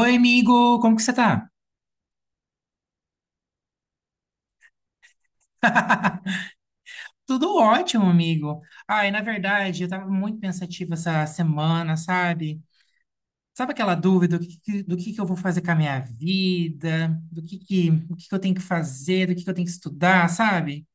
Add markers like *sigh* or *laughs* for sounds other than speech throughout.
Oi, amigo, como que você tá? *laughs* Tudo ótimo, amigo. Ai, na verdade, eu tava muito pensativa essa semana, sabe? Sabe aquela dúvida do que eu vou fazer com a minha vida? O que que eu tenho que fazer? Do que eu tenho que estudar, sabe?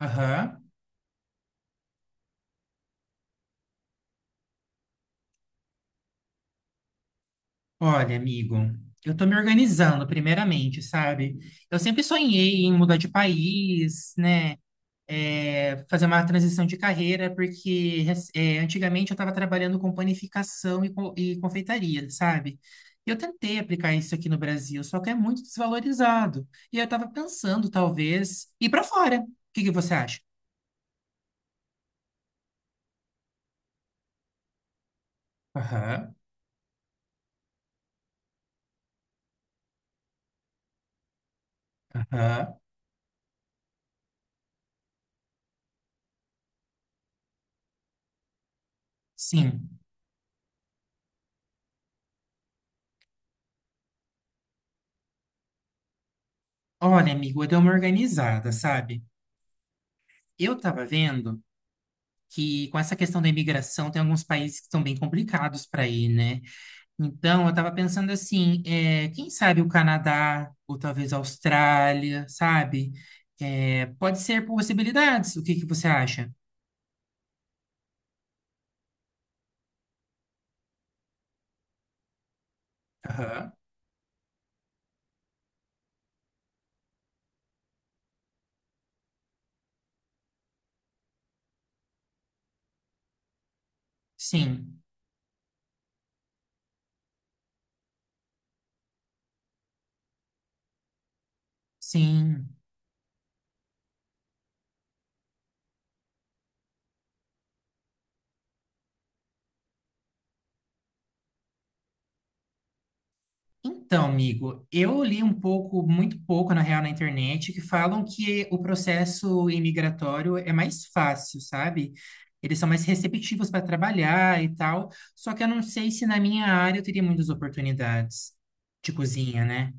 Aham. Olha, amigo, eu tô me organizando, primeiramente, sabe? Eu sempre sonhei em mudar de país, né? Fazer uma transição de carreira, porque antigamente eu estava trabalhando com panificação e confeitaria, sabe? E eu tentei aplicar isso aqui no Brasil, só que é muito desvalorizado. E eu estava pensando, talvez, ir para fora. O que que você acha? Aham, aham. Sim. Olha, amigo, eu dei uma organizada, sabe? Eu estava vendo que com essa questão da imigração tem alguns países que estão bem complicados para ir, né? Então, eu estava pensando assim, é, quem sabe o Canadá, ou talvez a Austrália, sabe? É, pode ser possibilidades. O que que você acha? Aham. Sim, sim. Então, amigo, eu li um pouco, muito pouco, na real, na internet, que falam que o processo imigratório é mais fácil, sabe? Eles são mais receptivos para trabalhar e tal. Só que eu não sei se na minha área eu teria muitas oportunidades de cozinha, né?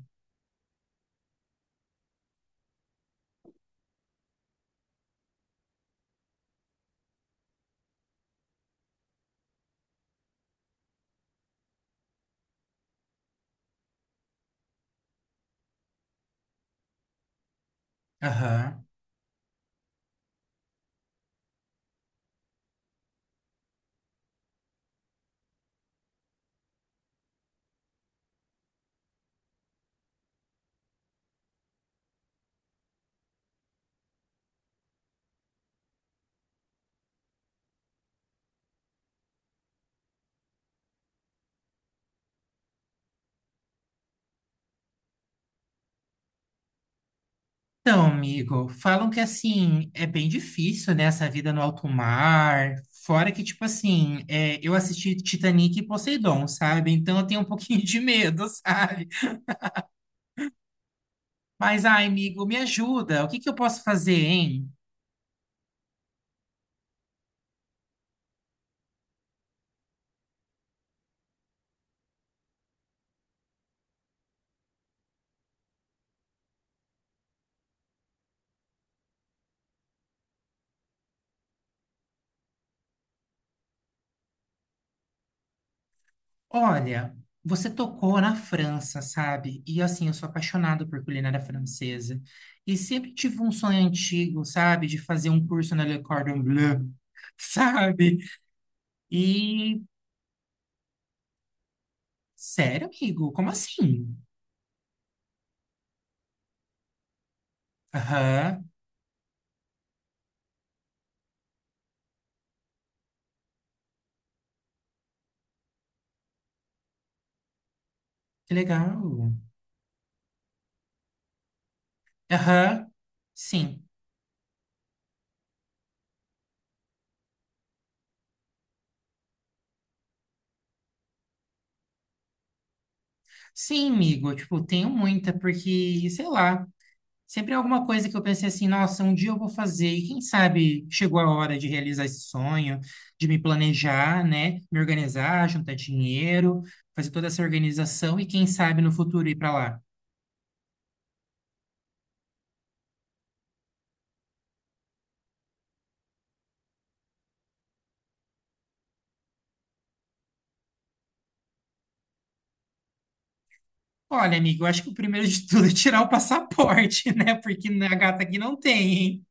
Aham. Então, amigo, falam que assim é bem difícil, né, essa vida no alto mar. Fora que, tipo assim, é, eu assisti Titanic e Poseidon, sabe? Então eu tenho um *laughs* pouquinho de medo, sabe? Mas, ai, amigo, me ajuda. O que que eu posso fazer, hein? Olha, você tocou na França, sabe? E assim, eu sou apaixonado por culinária francesa. E sempre tive um sonho antigo, sabe? De fazer um curso na Le Cordon Bleu, *laughs* sabe? E, sério, amigo, como assim? Aham, que legal. Aham, sim. Sim, amigo, tipo, tenho muita, porque, sei lá, sempre é alguma coisa que eu pensei assim, nossa, um dia eu vou fazer, e quem sabe chegou a hora de realizar esse sonho, de me planejar, né, me organizar, juntar dinheiro, fazer toda essa organização e quem sabe no futuro ir pra lá. Olha, amigo, eu acho que o primeiro de tudo é tirar o passaporte, *laughs* né, porque a gata aqui não tem, hein?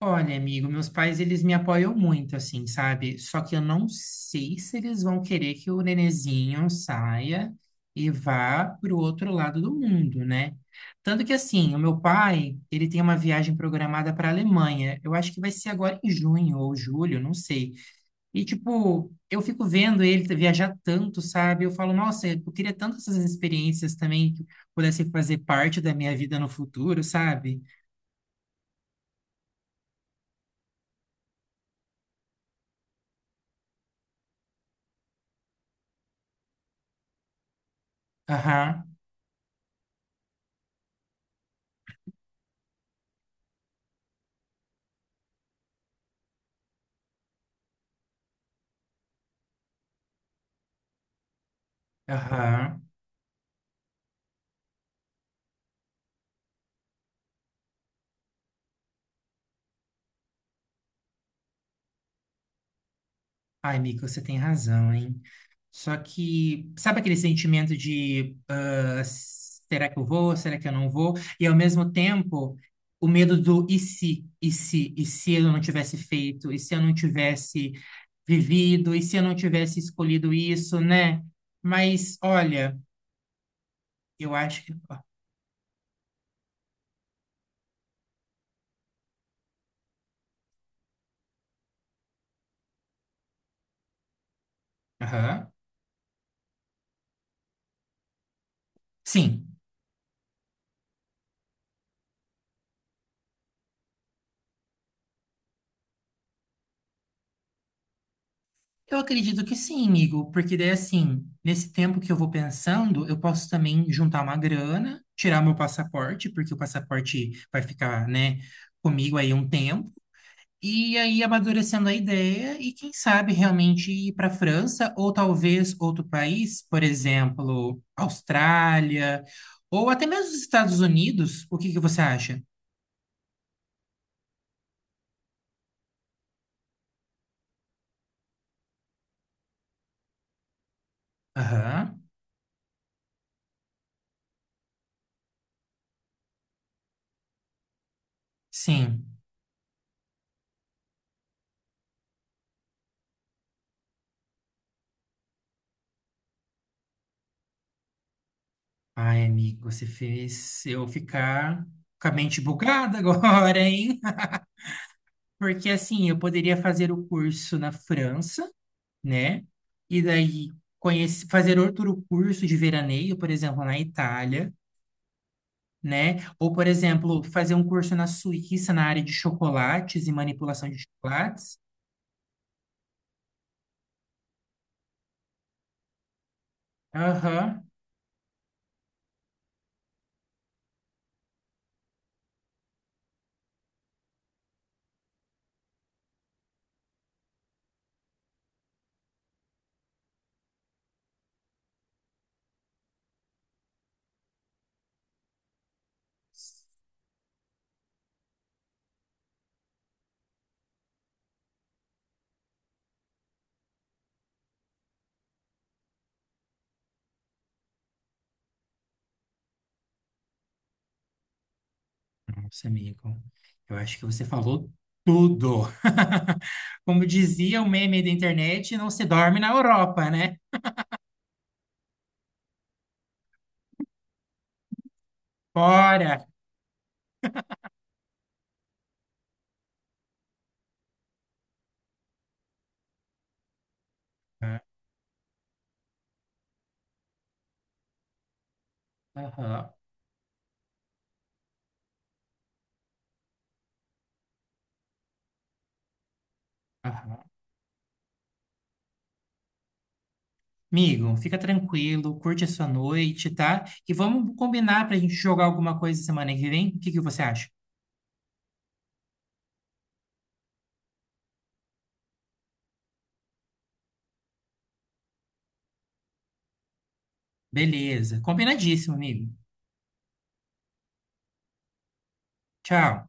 Olha, amigo, meus pais, eles me apoiam muito, assim, sabe? Só que eu não sei se eles vão querer que o nenenzinho saia e vá para o outro lado do mundo, né? Tanto que, assim, o meu pai, ele tem uma viagem programada para a Alemanha. Eu acho que vai ser agora em junho ou julho, não sei. E, tipo, eu fico vendo ele viajar tanto, sabe? Eu falo, nossa, eu queria tanto essas experiências também que pudessem fazer parte da minha vida no futuro, sabe? Aham, aham. Ai, Mika, você tem razão, hein? Só que, sabe aquele sentimento de ah, será que eu vou, será que eu não vou? E ao mesmo tempo, o medo do e se, e se, e se eu não tivesse feito, e se eu não tivesse vivido, e se eu não tivesse escolhido isso, né? Mas, olha, eu acho que. Aham. Sim. Eu acredito que sim, Igor, porque daí assim, nesse tempo que eu vou pensando, eu posso também juntar uma grana, tirar meu passaporte, porque o passaporte vai ficar, né, comigo aí um tempo, e aí amadurecendo a ideia e quem sabe realmente ir para a França ou talvez outro país, por exemplo, Austrália ou até mesmo os Estados Unidos. O que que você acha? Aham, sim. Ai, amigo, você fez eu ficar com a mente bugada *laughs* agora, hein? Porque assim, eu poderia fazer o curso na França, né? E daí fazer outro curso de veraneio, por exemplo, na Itália, né? Ou, por exemplo, fazer um curso na Suíça na área de chocolates e manipulação de chocolates. Aham. Nossa, amigo, eu acho que você falou tudo. *laughs* Como dizia o meme da internet, não se dorme na Europa, né? Bora! Aham. Aham. Amigo, fica tranquilo, curte a sua noite, tá? E vamos combinar pra gente jogar alguma coisa semana que vem? O que que você acha? Beleza, combinadíssimo, amigo. Tchau.